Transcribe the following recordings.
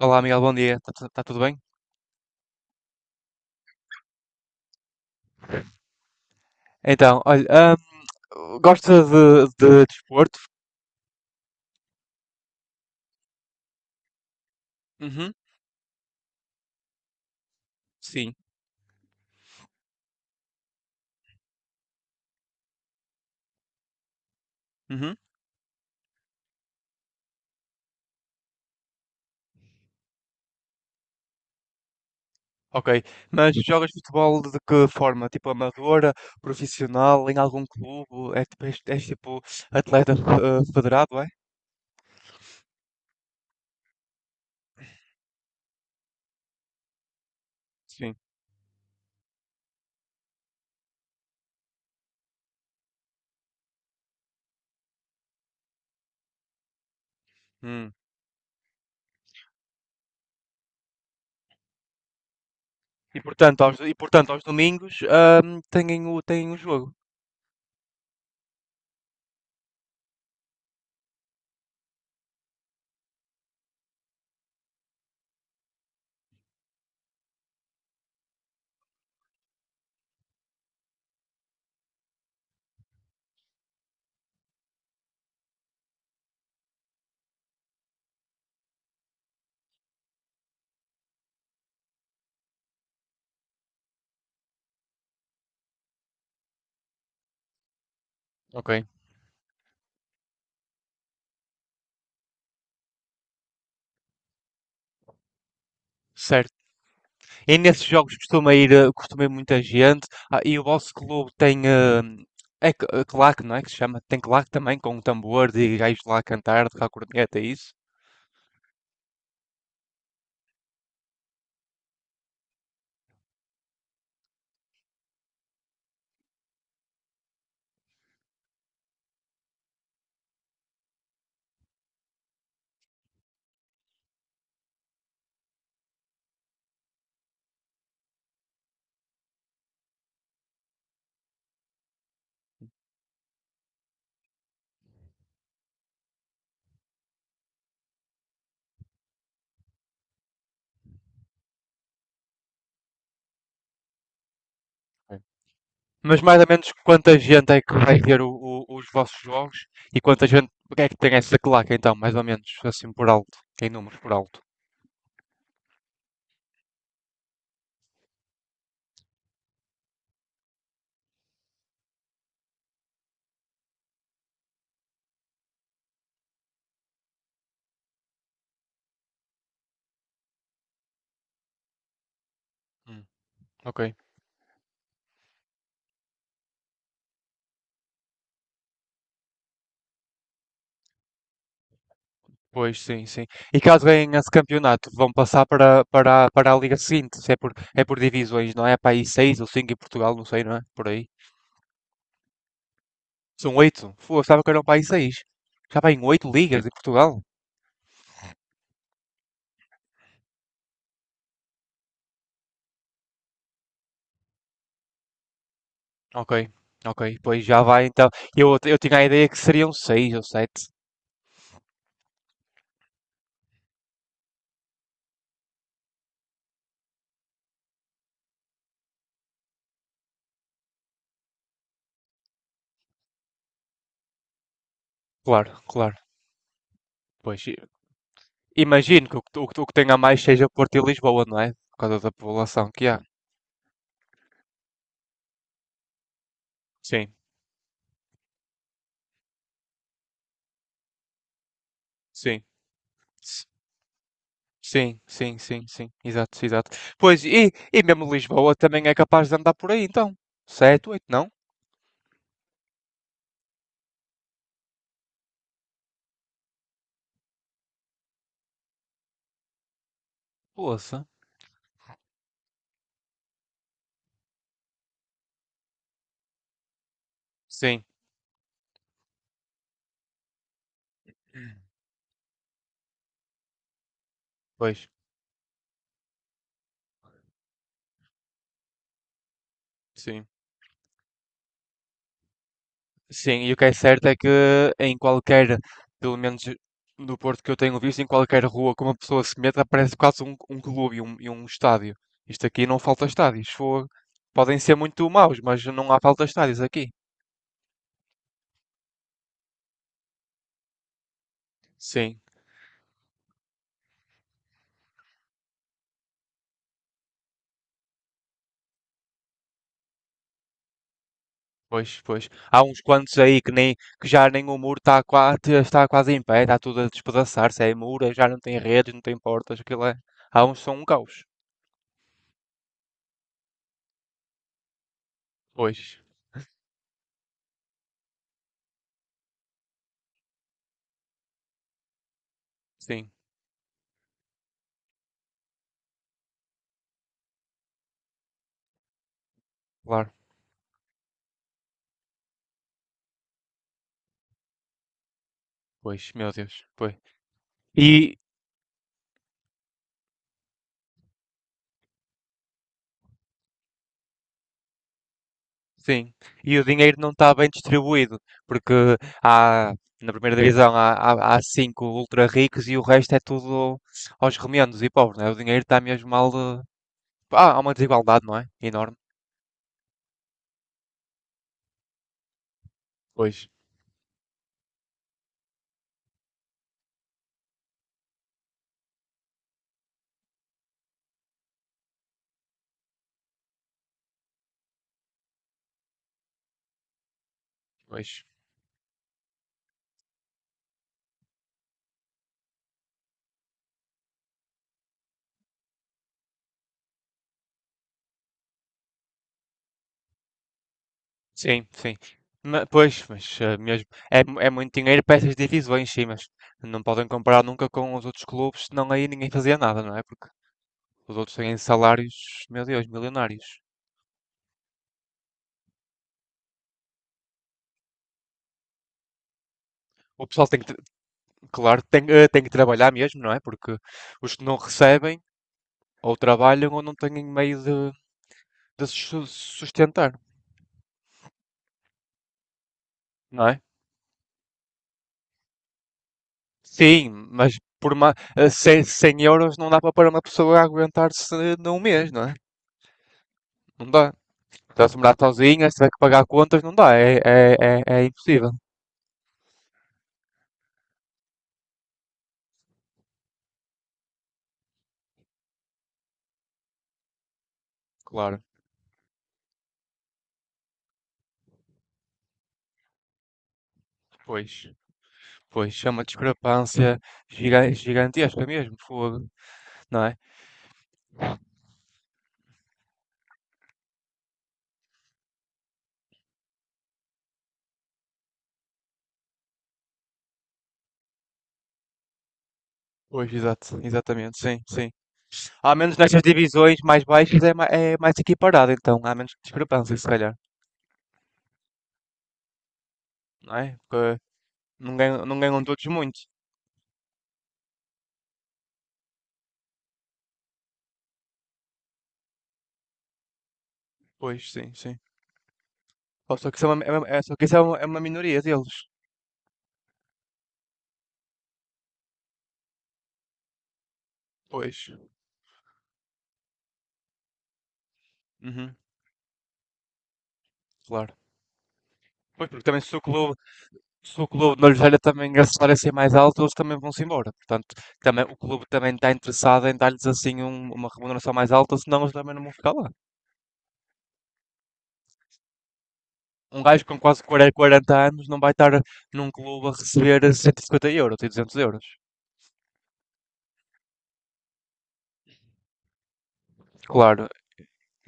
Olá, Miguel, bom dia. Está tudo bem? Então, olha, gosta de desporto? Uhum, sim. Uhum. Ok. Mas jogas futebol de que forma? Tipo amadora, profissional, em algum clube? É, és tipo atleta federado, é? Sim. Hum. E portanto, aos domingos têm o jogo. Ok. Certo. E nesses jogos costuma ir, costuma ir muita gente. Ah, e o vosso clube tem. É claque, não é? Que se chama? Tem claque também, com tambores e gajos lá a cantar, tocar corneta, é isso? Mas mais ou menos quanta gente é que vai ver os vossos jogos e quanta gente é que tem essa claque então, mais ou menos, assim por alto, em números por alto. Hum, ok. Pois sim, sim. E caso ganhem esse campeonato, vão passar para a liga seguinte, se é por divisões, não é? Para aí seis ou cinco em Portugal, não sei, não é? Por aí. São oito? Fogo, estava que eram para aí seis. Já vai em oito ligas em Portugal? Ok, ok. Pois já vai então. Eu tinha a ideia que seriam seis ou sete. Claro, claro. Pois imagino que o que tenha mais seja Porto e Lisboa, não é? Por causa da população que há. Sim, sim. S- Sim, sim. Exato, exato. Pois, e mesmo Lisboa também é capaz de andar por aí, então. Sete, oito, não? Poça. Sim. Pois, sim. Sim, e o que é certo é que em qualquer, pelo menos do Porto que eu tenho visto, em qualquer rua que uma pessoa se meta, aparece um clube e e um estádio. Isto aqui não falta estádios. Fogo. Podem ser muito maus, mas não há falta estádios aqui. Sim, pois, pois. Há uns quantos aí que já nem o muro está quase em pé, está tudo a despedaçar-se. É muro, já não tem redes, não tem portas, aquilo é. Há uns que são um caos. Pois, sim, claro. Pois, meu Deus, pois. E sim, e o dinheiro não está bem distribuído, porque há, na primeira divisão há cinco ultra ricos e o resto é tudo aos remendos e pobres, né? O dinheiro está mesmo mal. Pá, há uma desigualdade, não é? Enorme. Pois, pois. Sim, sim. Pois, mas mesmo. É, é muito dinheiro para essas divisões, sim, mas não podem comparar nunca com os outros clubes, senão aí ninguém fazia nada, não é? Porque os outros têm salários, meu Deus, milionários. O pessoal tem que, Claro, tem, tem que trabalhar mesmo, não é? Porque os que não recebem ou trabalham ou não têm meio de se su- sustentar, não é? Sim, mas por ma- eh, 100, 100 euros não dá para uma pessoa aguentar-se num mês, não é? Não dá. Então, se morar sozinha, se tiver que pagar contas, não dá. É, é impossível. Claro, pois. Pois, é uma discrepância gigantesca mesmo, fogo, não é? Pois, exato, exatamente, sim, sim. Ao menos nestas divisões mais baixas é, é mais equiparado, então há menos discrepância, se calhar, não é? Porque não ganham, não ganham todos muito. Pois, sim, sim. Ou só que isso é uma minoria deles. Pois, uhum, claro. Pois, porque também se o clube, se o clube não lhes olha também a salário ser mais alto, eles também vão-se embora. Portanto, também, o clube também está interessado em dar-lhes assim uma remuneração mais alta, senão eles também não vão ficar lá. Um gajo com quase 40 anos não vai estar num clube a receber 150 euros e 200 euros. Claro,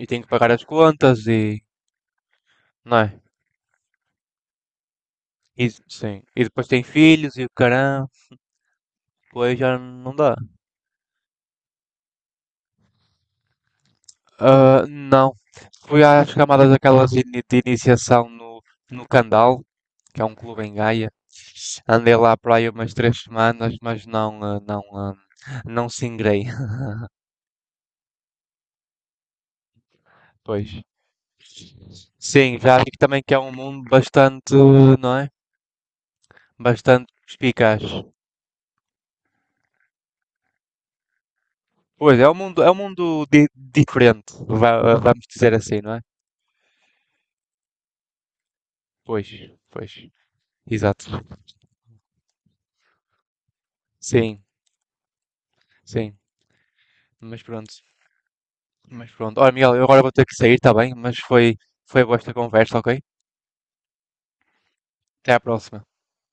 e tem que pagar as contas e. Não é? E, sim. E depois tem filhos e o caramba. Depois já não dá. Ah, não. Fui às camadas daquelas de iniciação no, no Candal, que é um clube em Gaia. Andei lá para aí umas 3 semanas, mas não singrei. Pois. Sim, já vi que também que é um mundo bastante, não é? Bastante perspicaz. Pois, é um mundo diferente, vamos dizer assim, não é? Pois, pois. Exato. Sim, sim. Mas pronto. Mas pronto. Olha, Miguel, eu agora vou ter que sair, tá bem? Mas foi, foi boa esta conversa, ok? Até à próxima.